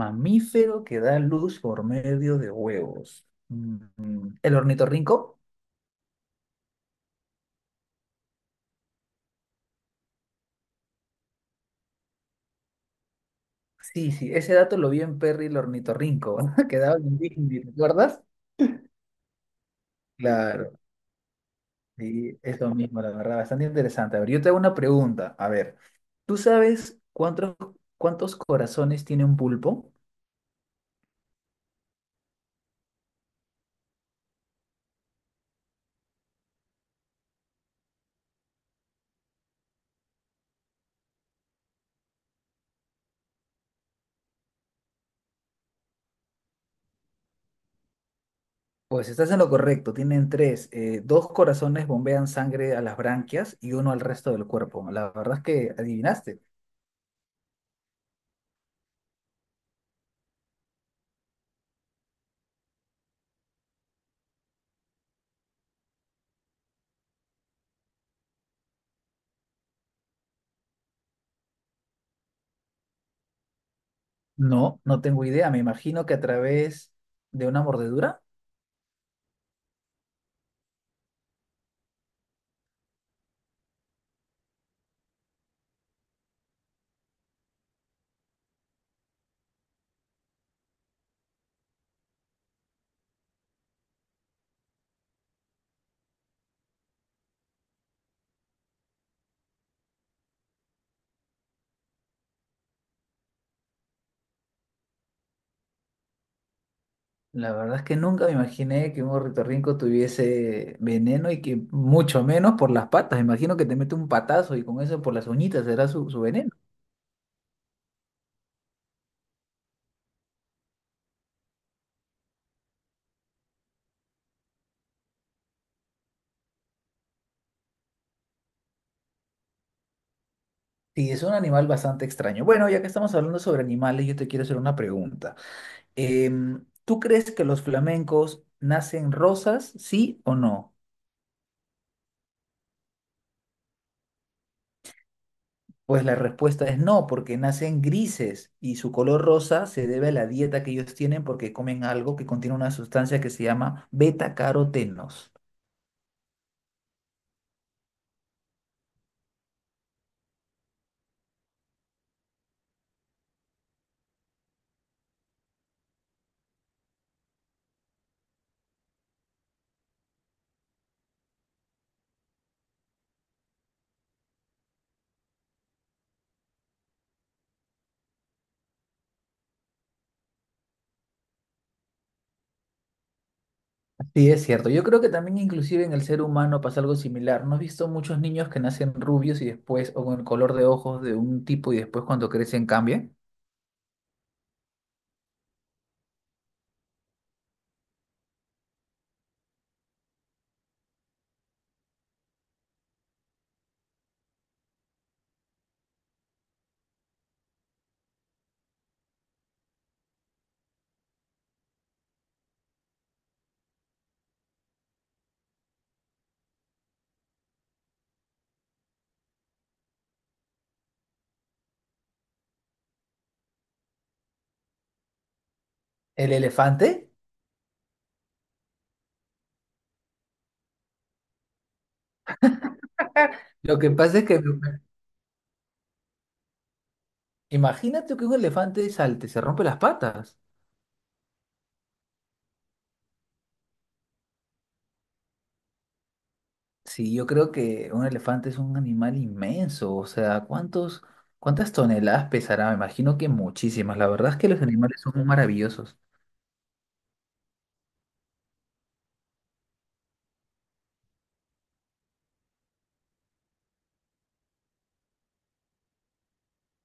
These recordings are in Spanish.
Mamífero que da luz por medio de huevos. ¿El ornitorrinco? Sí, sí, ese dato lo vi en Perry el ornitorrinco, que daba en Disney, ¿te acuerdas? Claro, sí, es lo mismo, la verdad, bastante interesante. A ver, yo te hago una pregunta. A ver, ¿tú sabes cuántos corazones tiene un pulpo? Pues estás en lo correcto, tienen tres. Dos corazones bombean sangre a las branquias y uno al resto del cuerpo. La verdad es que adivinaste. No, no tengo idea. Me imagino que a través de una mordedura. La verdad es que nunca me imaginé que un ornitorrinco tuviese veneno y que mucho menos por las patas. Imagino que te mete un patazo y con eso por las uñitas será su veneno. Sí, es un animal bastante extraño. Bueno, ya que estamos hablando sobre animales, yo te quiero hacer una pregunta. ¿Tú crees que los flamencos nacen rosas, sí o no? Pues la respuesta es no, porque nacen grises y su color rosa se debe a la dieta que ellos tienen porque comen algo que contiene una sustancia que se llama beta-carotenos. Sí, es cierto. Yo creo que también inclusive en el ser humano pasa algo similar. ¿No has visto muchos niños que nacen rubios y después, o con el color de ojos de un tipo y después cuando crecen cambian? ¿El elefante? Lo que pasa es que imagínate que un elefante salte, se rompe las patas. Sí, yo creo que un elefante es un animal inmenso, o sea, ¿cuántas toneladas pesará? Me imagino que muchísimas. La verdad es que los animales son muy maravillosos.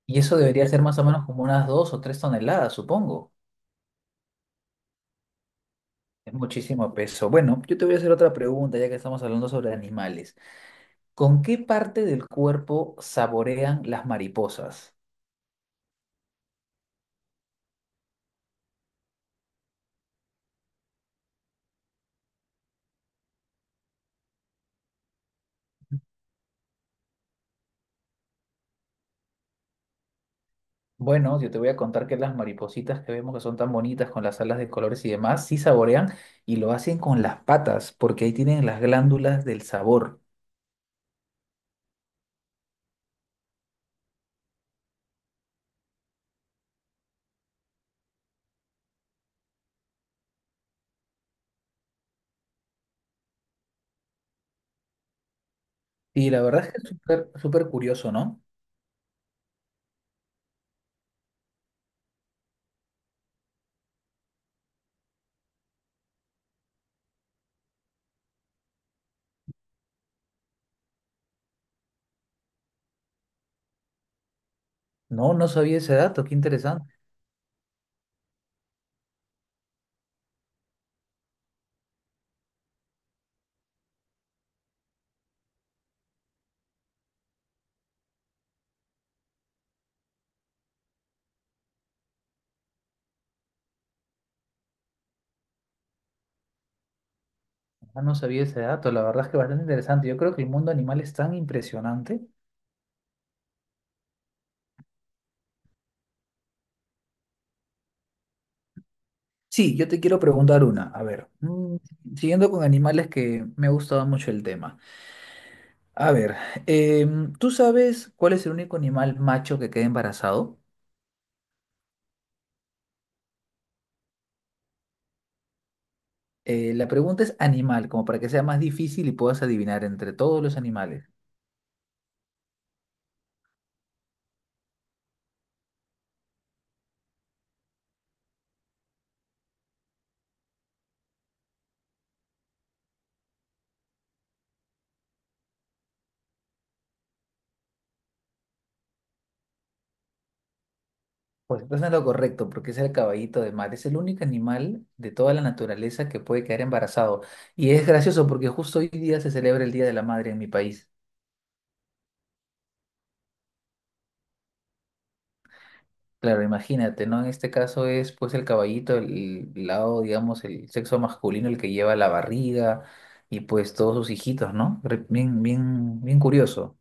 Y eso debería ser más o menos como unas 2 o 3 toneladas, supongo. Es muchísimo peso. Bueno, yo te voy a hacer otra pregunta, ya que estamos hablando sobre animales. ¿Con qué parte del cuerpo saborean las mariposas? Bueno, yo te voy a contar que las maripositas que vemos que son tan bonitas con las alas de colores y demás, sí saborean y lo hacen con las patas, porque ahí tienen las glándulas del sabor. Y la verdad es que es súper súper curioso, ¿no? No, no sabía ese dato, qué interesante. Ah, no sabía ese dato, la verdad es que bastante interesante. Yo creo que el mundo animal es tan impresionante. Sí, yo te quiero preguntar una. A ver, siguiendo con animales que me ha gustado mucho el tema. A ver, ¿tú sabes cuál es el único animal macho que queda embarazado? La pregunta es animal, como para que sea más difícil y puedas adivinar entre todos los animales. Pues entonces no es lo correcto, porque es el caballito de mar. Es el único animal de toda la naturaleza que puede quedar embarazado. Y es gracioso porque justo hoy día se celebra el Día de la Madre en mi país. Claro, imagínate, ¿no? En este caso es pues el caballito, el lado, digamos, el sexo masculino, el que lleva la barriga y pues todos sus hijitos, ¿no? Re- Bien, bien, bien curioso.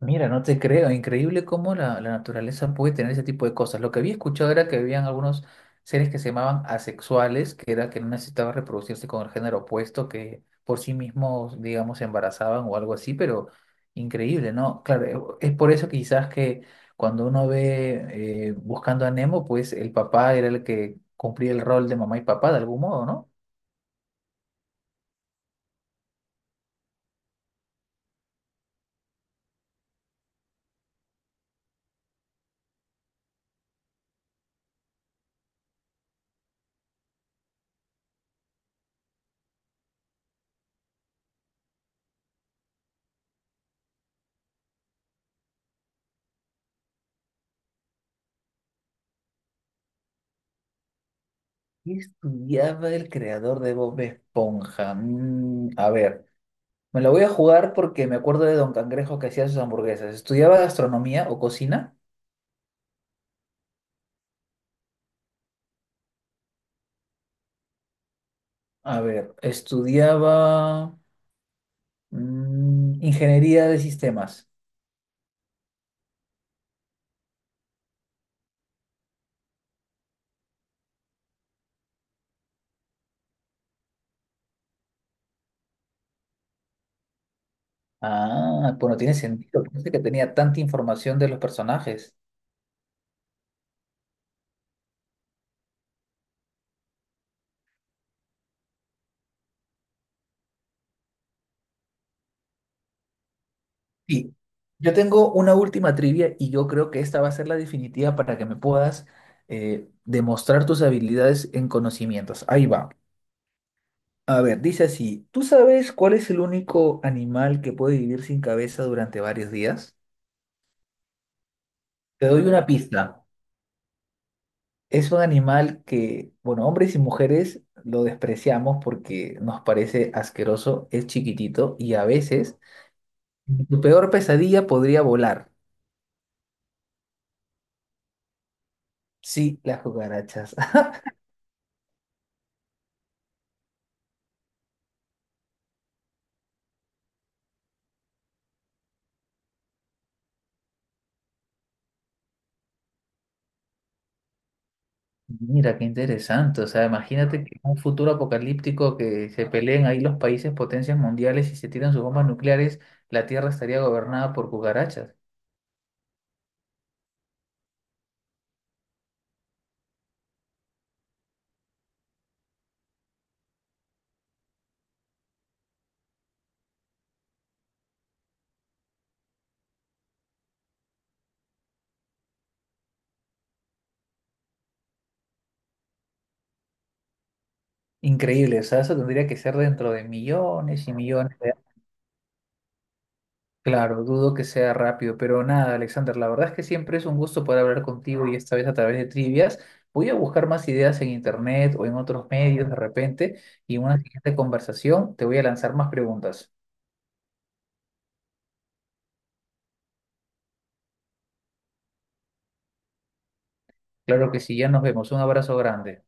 Mira, no te creo, increíble cómo la naturaleza puede tener ese tipo de cosas. Lo que había escuchado era que habían algunos seres que se llamaban asexuales, que era que no necesitaban reproducirse con el género opuesto, que por sí mismos, digamos, se embarazaban o algo así, pero increíble, ¿no? Claro, es por eso quizás que cuando uno ve buscando a Nemo, pues el papá era el que cumplía el rol de mamá y papá de algún modo, ¿no? ¿Qué estudiaba el creador de Bob Esponja? A ver. Me la voy a jugar porque me acuerdo de Don Cangrejo que hacía sus hamburguesas. ¿Estudiaba gastronomía o cocina? A ver, estudiaba ingeniería de sistemas. Ah, pues no tiene sentido. Pensé que tenía tanta información de los personajes. Sí, yo tengo una última trivia y yo creo que esta va a ser la definitiva para que me puedas demostrar tus habilidades en conocimientos. Ahí va. A ver, dice así, ¿tú sabes cuál es el único animal que puede vivir sin cabeza durante varios días? Te doy una pista. Es un animal que, bueno, hombres y mujeres lo despreciamos porque nos parece asqueroso, es chiquitito y a veces en tu peor pesadilla podría volar. Sí, las cucarachas. Mira, qué interesante. O sea, imagínate que en un futuro apocalíptico que se peleen ahí los países potencias mundiales y se tiran sus bombas nucleares, la Tierra estaría gobernada por cucarachas. Increíble. O sea, eso tendría que ser dentro de millones y millones. Claro, dudo que sea rápido, pero nada, Alexander, la verdad es que siempre es un gusto poder hablar contigo y esta vez a través de trivias. Voy a buscar más ideas en internet o en otros medios de repente y en una siguiente conversación te voy a lanzar más preguntas. Claro que sí, ya nos vemos. Un abrazo grande.